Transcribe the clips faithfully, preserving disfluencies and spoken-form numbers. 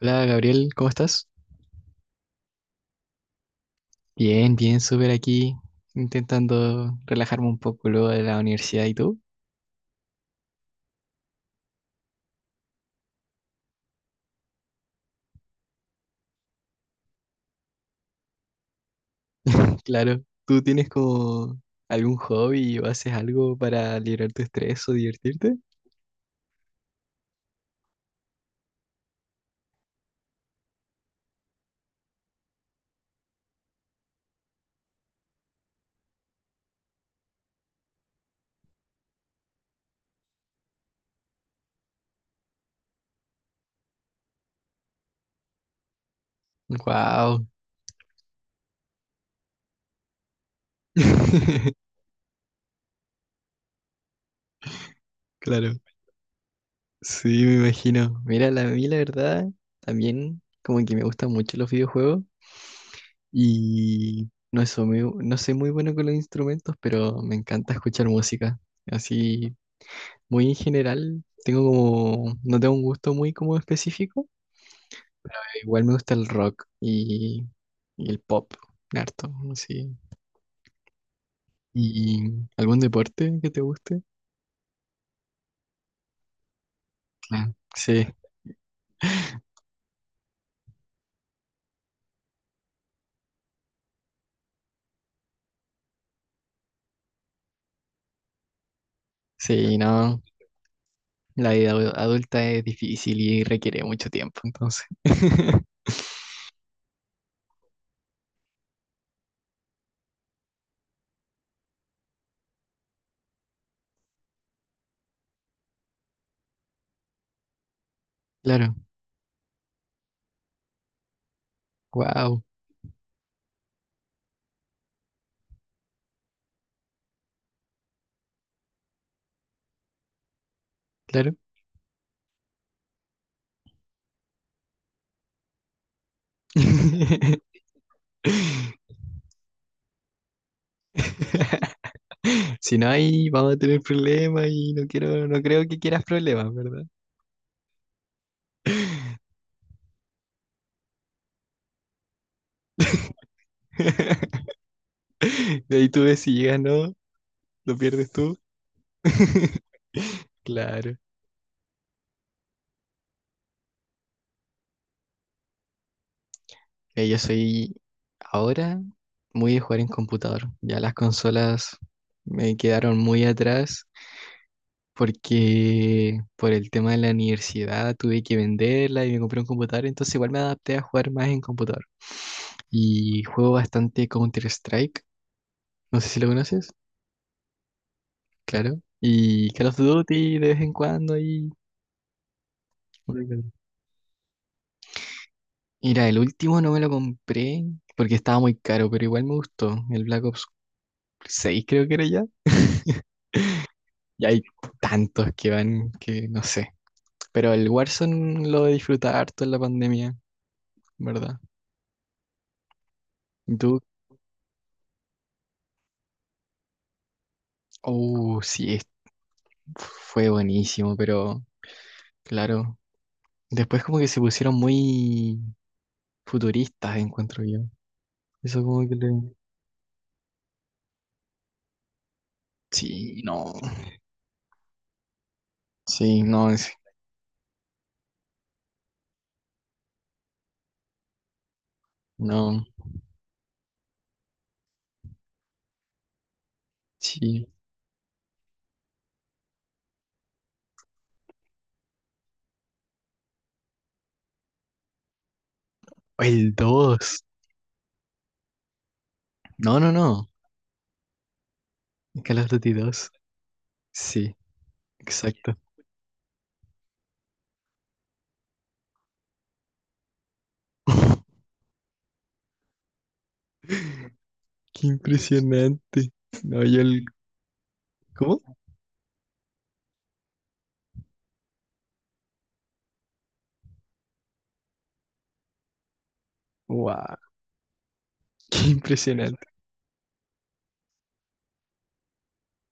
Hola Gabriel, ¿cómo estás? Bien, bien, súper aquí, intentando relajarme un poco luego de la universidad. ¿Y tú? Claro, ¿tú tienes como algún hobby o haces algo para liberar tu estrés o divertirte? Wow. Claro, sí, me imagino. Mira, la, a mí la verdad también como que me gustan mucho los videojuegos y no, soy muy, no soy muy bueno con los instrumentos, pero me encanta escuchar música. Así muy general. Tengo como, no tengo un gusto muy como específico. Igual me gusta el rock y, y el pop, harto, sí. ¿Y algún deporte que te guste? Claro. Sí, sí, no. La vida adu- adulta es difícil y requiere mucho tiempo, entonces. Claro, wow, claro. Si no hay, vamos a tener problemas y no quiero, no creo que quieras problemas, ¿verdad? De ahí tú ves si llegas, ¿no? Lo pierdes tú. Claro. Eh, Yo soy ahora muy de jugar en computador. Ya las consolas me quedaron muy atrás porque por el tema de la universidad tuve que venderla y me compré un computador, entonces igual me adapté a jugar más en computador. Y juego bastante Counter-Strike, no sé si lo conoces, claro. Y Call of Duty de vez en cuando y... Mira, el último no me lo compré porque estaba muy caro, pero igual me gustó. El Black Ops seis creo que era ya. Y hay tantos que van que no sé. Pero el Warzone lo disfruté harto en la pandemia, ¿verdad? ¿Y tú? Oh, sí, es- fue buenísimo, pero claro. Después como que se pusieron muy futuristas, encuentro yo. Eso como que le... Sí, no. Sí, no, es... No. Sí. O el dos. No, no, no. Call of Duty dos. Sí, exacto. Qué impresionante. No, yo el... ¿Cómo? Wow, qué impresionante.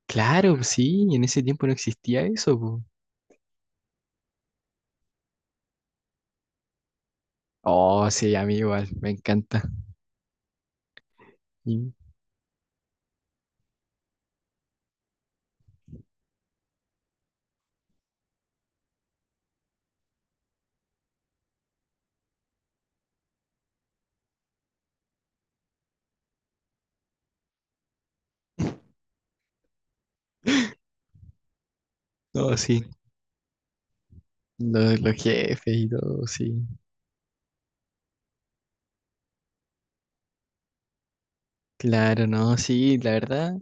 Claro, pues sí, en ese tiempo no existía eso, po. Oh, sí, a mí igual, me encanta. Y- No, sí, lo- los, jefes y todo, sí. Claro, no, sí, la verdad,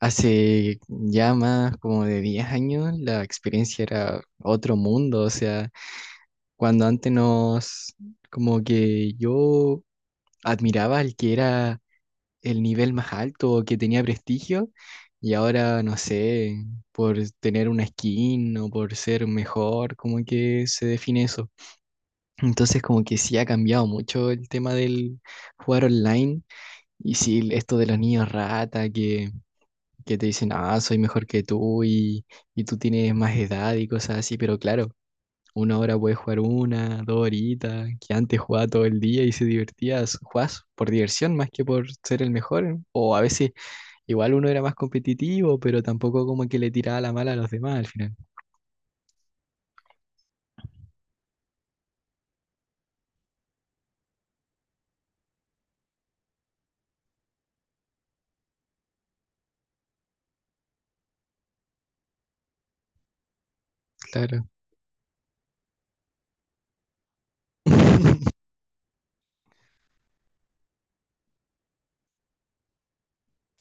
hace ya más como de diez años la experiencia era otro mundo, o sea, cuando antes nos, como que yo admiraba al que era el nivel más alto, o que tenía prestigio, y ahora, no sé, por tener una skin o por ser mejor, como que se define eso. Entonces, como que sí ha cambiado mucho el tema del jugar online, y sí, esto de los niños rata, que, que te dicen, ah, soy mejor que tú y, y tú tienes más edad y cosas así, pero claro. Una hora puedes jugar una, dos horitas, que antes jugaba todo el día y se divertía, s- jugás por diversión más que por ser el mejor, o a veces. Igual uno era más competitivo, pero tampoco como que le tiraba la mala a los demás al final. Claro.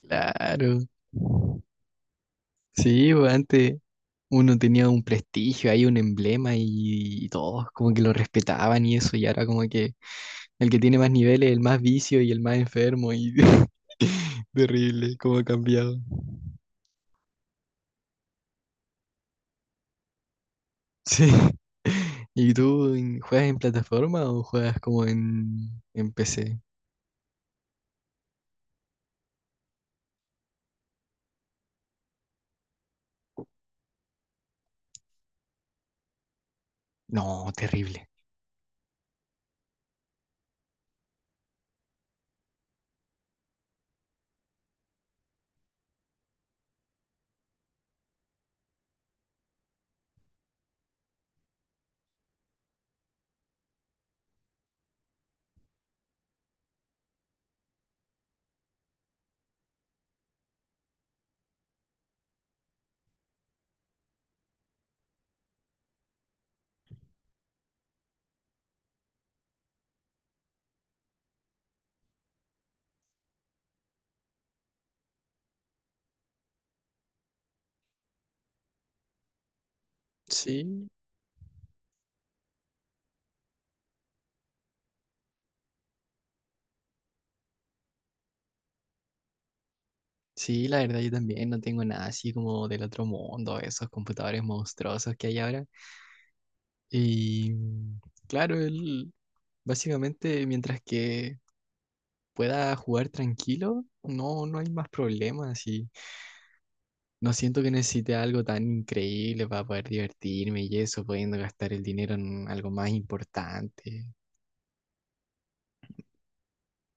Claro. Sí, pues, antes uno tenía un prestigio, ahí un emblema y, y todos como que lo respetaban y eso, y ahora como que el que tiene más niveles, el más vicio y el más enfermo y terrible, cómo ha cambiado. Sí. ¿Y tú en- juegas en plataforma o juegas como en, en P C? No, terrible. Sí. Sí, la verdad yo también no tengo nada así como del otro mundo, esos computadores monstruosos que hay ahora. Y mm, claro, el- básicamente mientras que pueda jugar tranquilo, no, no hay más problemas y no siento que necesite algo tan increíble para poder divertirme y eso, pudiendo gastar el dinero en algo más importante.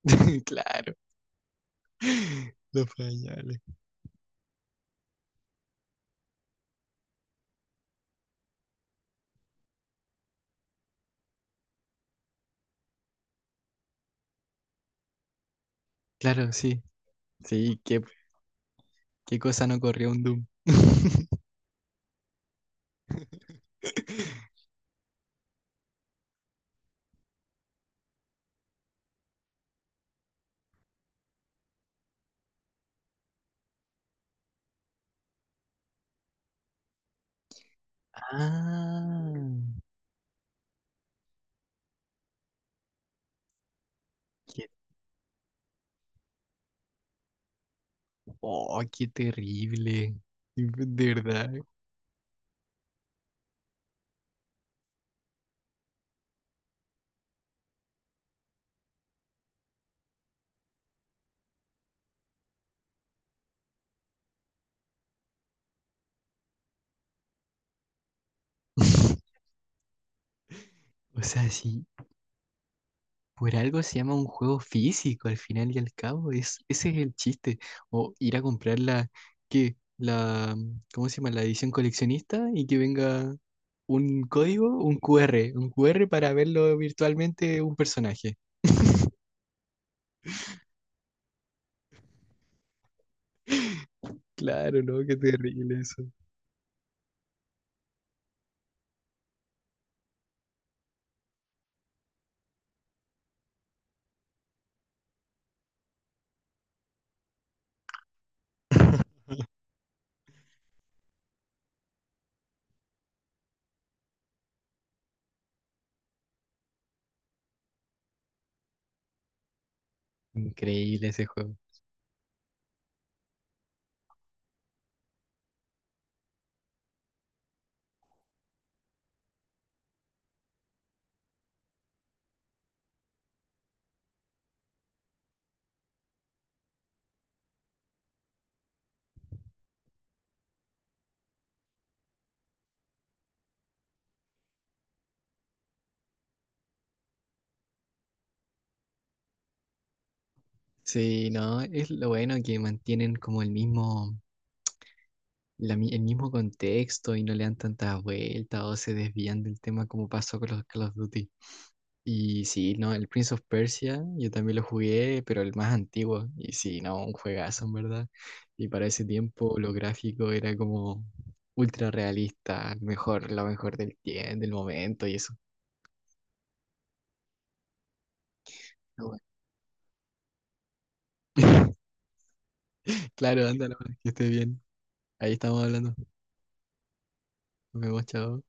Claro, los pañales. Claro, sí, sí, qué, qué cosa no corrió un Doom. Ah, qué, oh, qué terrible. De verdad. O sea, sí, por algo se llama un juego físico al final y al cabo. Es, ese es el chiste. O ir a comprar la, ¿qué? La, ¿cómo se llama? La edición coleccionista y que venga un código, un Q R, un Q R para verlo virtualmente un personaje. Claro, ¿no? Qué terrible eso. Increíble ese juego. Sí, no, es lo bueno que mantienen como el mismo, la mi- el mismo contexto y no le dan tantas vueltas o se desvían del tema como pasó con los Call of Duty. Y sí, no, el Prince of Persia, yo también lo jugué, pero el más antiguo. Y sí, no, un juegazo, en verdad. Y para ese tiempo lo gráfico era como ultra realista, mejor, lo mejor del tiempo, del momento y eso. Ah, bueno. Claro, ándalo, que esté bien. Ahí estamos hablando. Nos vemos, chao.